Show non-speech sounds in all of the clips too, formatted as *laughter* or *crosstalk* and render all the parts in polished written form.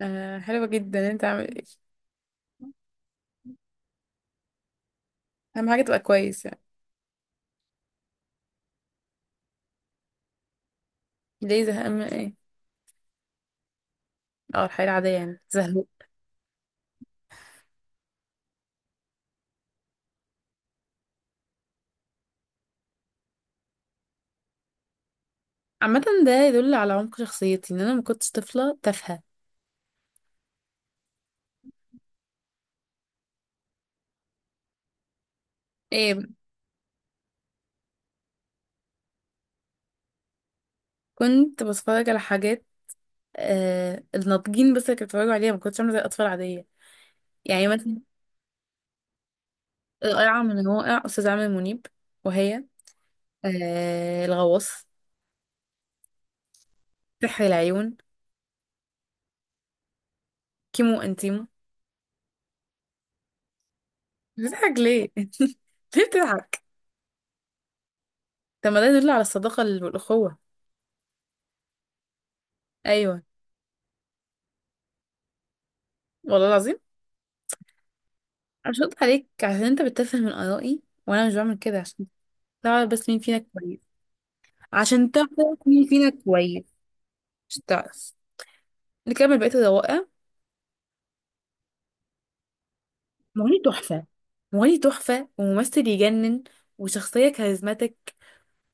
آه، حلوة جدا. انت عامل ايه؟ اهم حاجة تبقى كويس يعني. ليه زهقان؟ من ايه؟ اه، الحياة العادية يعني زهق. عامة، ده يدل على عمق شخصيتي ان انا ما كنتش طفلة تافهة. ايه؟ كنت بتفرج على حاجات الناضجين، بس اللي كانوا بيتفرجوا عليها، ما كنتش عاملة زي الأطفال العادية، يعني مثلا. القرعة من الواقع، أستاذ عامر منيب. وهي الغواص، سحر العيون، كيمو انتيمو. بتضحك ليه؟ *laughs* ليه بتضحك؟ طب ما ده يدل على الصداقة والأخوة. أيوه. والله العظيم. اشوط عليك عشان انت بتتفه من آرائي، وانا مش بعمل كده عشان تعرف بس مين فينا كويس. عشان تعرف مين فينا كويس، مش تعرف. نكمل بقية الروائع. مغني تحفة. مغني تحفة وممثل يجنن، وشخصية كاريزماتيك،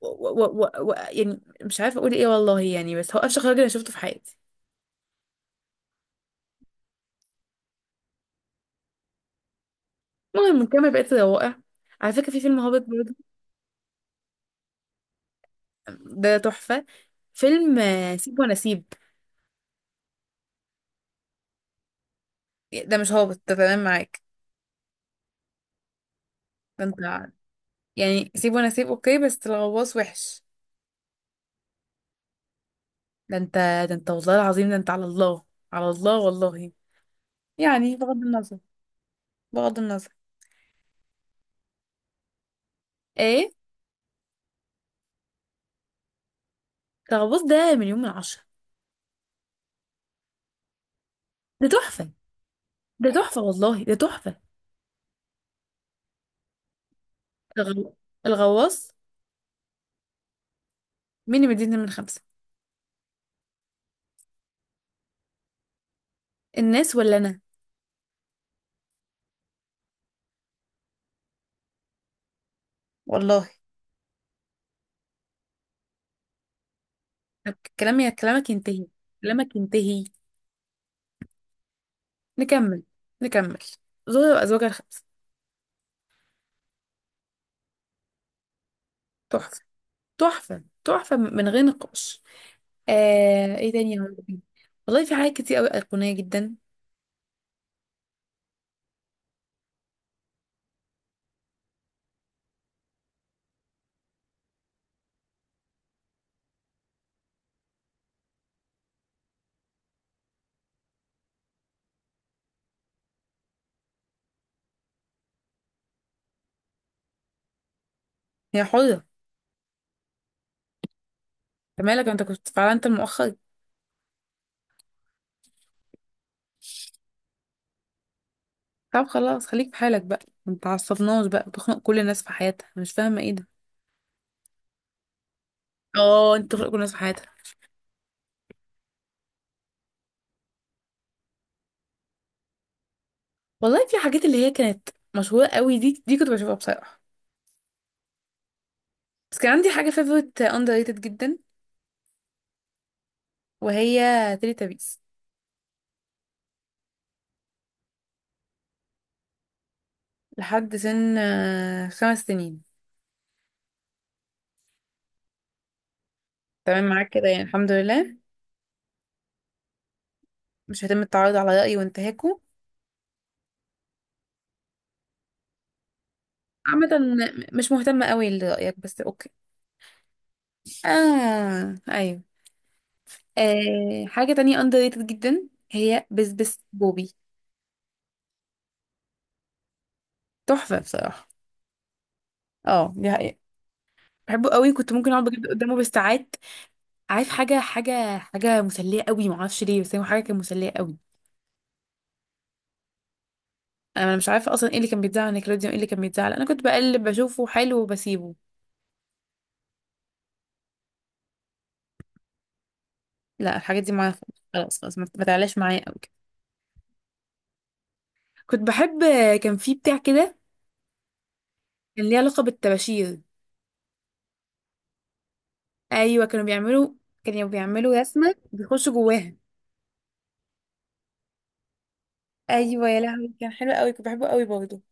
و يعني مش عارفة اقول ايه، والله يعني، بس هو افشخ راجل انا شفته في حياتي. المهم نكمل بقية الروائع. على فكرة في فيلم هابط برضه، ده تحفة. فيلم سيب ونسيب. ده مش هابط، ده تمام معاك. ده انت. يعني سيب وانا سيب، اوكي، بس الغواص وحش. ده انت. ده انت والله العظيم. ده انت على الله. على الله والله. يعني بغض النظر. بغض النظر. ايه؟ الغواص ده مليون من 10. ده تحفة. ده تحفة والله، ده تحفة. الغو- الغواص. مين اللي مديني من 5؟ الناس ولا انا؟ والله. طب كلامي كلامك ينتهي. كلامك ينتهي. نكمل. نكمل. زوجة وأزواجها الخمسة. تحفة. تحفة تحفة من غير نقاش. آه، ايه تاني عندك؟ والله في حاجات كتير قوي ايقونيه جدا. هي حره. أنت مالك، انت كنت فعلا انت مؤخر. طب خلاص، خليك في حالك بقى. ما تعصبناش بقى، بتخنق كل الناس في حياتها، أنا مش فاهمه ايه ده. اه، انت بتخنق كل الناس في حياتها. والله في حاجات اللي هي كانت مشهوره قوي، دي كنت بشوفها بصراحه. بس كان عندي حاجه فيفورت اندر ريتد جدا، وهي تيلي تابيس. لحد سن 5 سنين. تمام معاك كده يعني، الحمد لله. مش هيتم التعرض على رايي وانتهاكه. عامة، مش مهتمة قوي لرأيك، بس اوكي. اه، ايوه. آه، حاجة تانية underrated جدا، هي بسبس بوبي. تحفة بصراحة. اه، دي حقيقة. بحبه قوي، كنت ممكن اقعد بجد قدامه بالساعات. عارف، حاجة مسلية قوي، معرفش ليه، بس هو حاجة كانت مسلية قوي. انا مش عارفة اصلا ايه اللي كان بيتزعل على نيكلوديون، ايه اللي كان بيتزعل. انا كنت بقلب بشوفه حلو وبسيبه. لا، الحاجات دي معايا. خلاص خلاص، ما تعلاش معايا قوي كده. كنت بحب، كان في بتاع كده كان ليه علاقة بالطباشير. ايوه، كانوا بيعملوا رسمة بيخشوا جواها. ايوه يا لهوي، كان حلو قوي، كنت بحبه قوي برضه.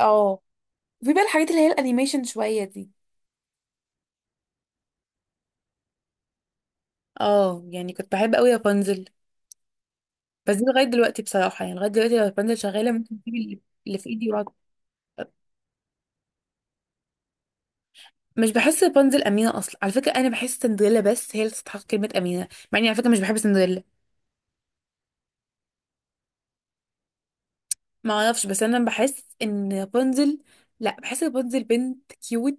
اه. وفي بقى الحاجات اللي هي الانيميشن شويه دي. اه، يعني كنت بحب قوي رابنزل. بس دي لغايه دلوقتي بصراحه يعني، لغايه دلوقتي لو رابنزل شغاله ممكن تجيب اللي في ايدي وراك. مش بحس رابنزل امينه اصلا، على فكره انا بحس سندريلا بس هي اللي تستحق كلمه امينه، مع اني على فكره مش بحب سندريلا. ما اعرفش، بس انا بحس ان رابنزل، لا، بحس رابنزل بنت كيوت.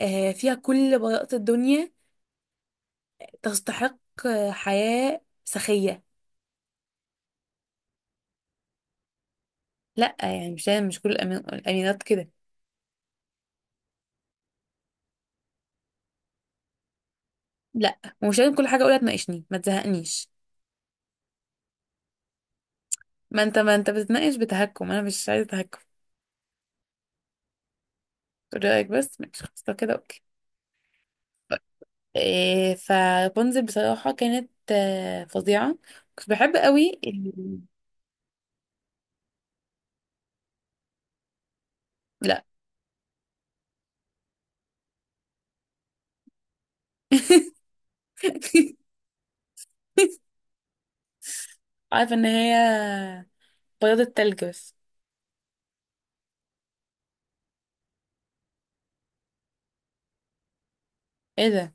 آه، فيها كل براءه الدنيا، تستحق حياه سخيه. لا، يعني مش كل الامينات كده. لا، ومش لازم كل حاجه اقولها تناقشني، ما تزهقنيش. ما انت بتتناقش بتهكم، انا مش عايزه تهكم. تقول رايك بس، ماشي خلاص، لو كده اوكي. إيه؟ فبونزل بصراحه كانت فظيعه. كنت بحب قوي لا. *laughs* عارفه ان هي بياض التلج بس. ايه ده؟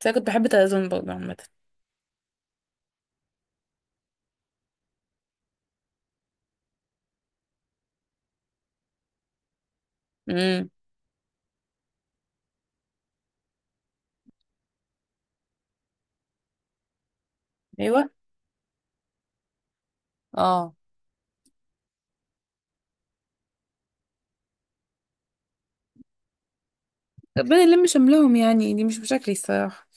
بس انا كنت بحب تلازون برضه عامه. امم، ايوه. اه. ربنا يلم شملهم يعني، دي مش مشاكلي الصراحه.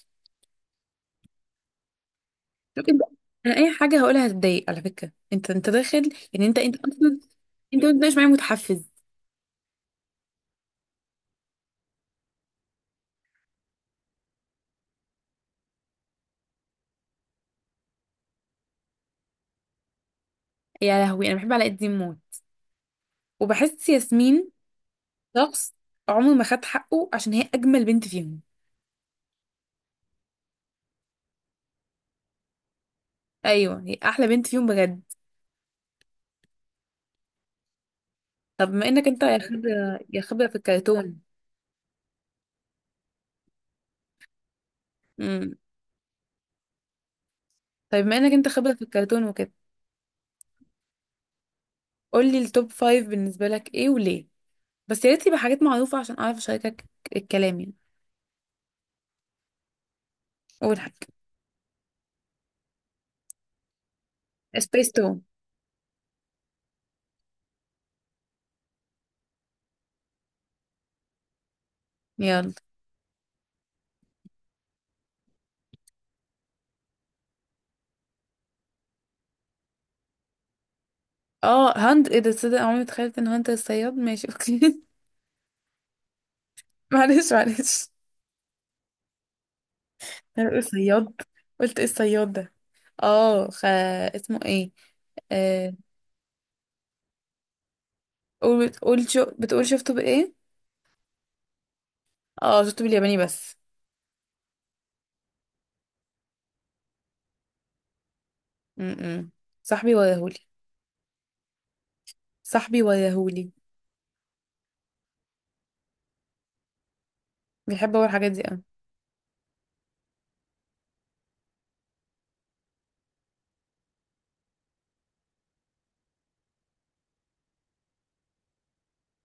شوف انت، انا اي حاجه هقولها هتضايق على فكره، انت داخل يعني، انت اصلا. انت ما تبقاش معايا متحفز. يا لهوي، انا بحب علاء الدين موت، وبحس ياسمين شخص عمره ما خد حقه، عشان هي اجمل بنت فيهم. ايوه، هي احلى بنت فيهم بجد. طب ما انك انت يا خبره يا خبره في الكرتون. امم. طيب ما انك انت خبره في الكرتون وكده، قول لي التوب فايف بالنسبه لك ايه وليه. بس يا ريت يبقى حاجات معروفه عشان اعرف اشاركك الكلام يعني. اول حاجه، سبيس تون. يلا. اه، هند، ايه ده؟ تصدق عمري ما تخيلت ان هند الصياد. ماشي اوكي. *laughs* معلش معلش. انا بقول صياد. قلت ايه الصياد ده؟ اه، اسمه ايه؟ آه... بتقول شفته بايه؟ اه، شفته بالياباني بس. م-م. صاحبي وياهولي. صاحبي وياهولي. بيحب هو الحاجات دي اوي.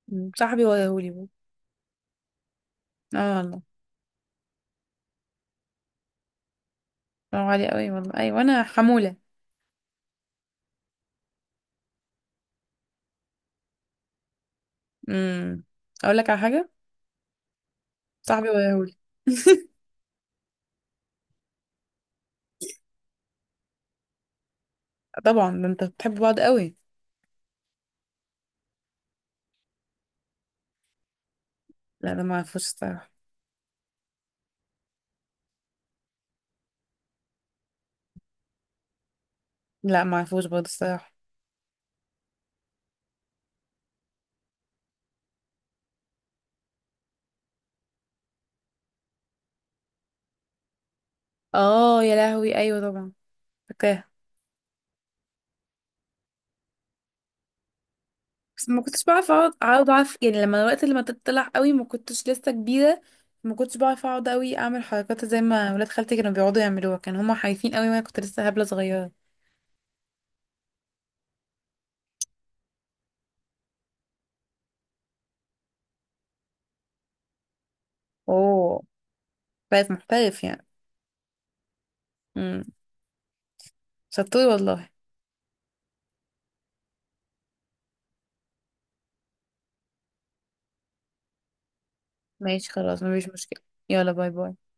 م. صاحبي وياهولي. بو. اه، والله. برافو عليه قوي والله. ايوه، انا حمولة. امم اقول لك على حاجة. صاحبي وياهولي. *laughs* طبعا، ده انت بتحب بعض قوي. لا، ده ما اعرفوش الصراحة. لا، معرفوش برضه الصراحة. اه يا لهوي، ايوه طبعا، فاكراها. بس ما كنتش بعرف اقعد اعرف يعني، لما تطلع قوي ما كنتش لسه كبيرة. ما كنتش بعرف اقعد قوي اعمل حركات زي ما ولاد خالتي كانوا بيقعدوا يعملوها، كانوا هما خايفين قوي، وانا كنت لسه هبلة صغيرة. اوه. بقيت محترف يعني. امم شطور والله. ماشي خلاص، مفيش مشكلة. يلا باي باي.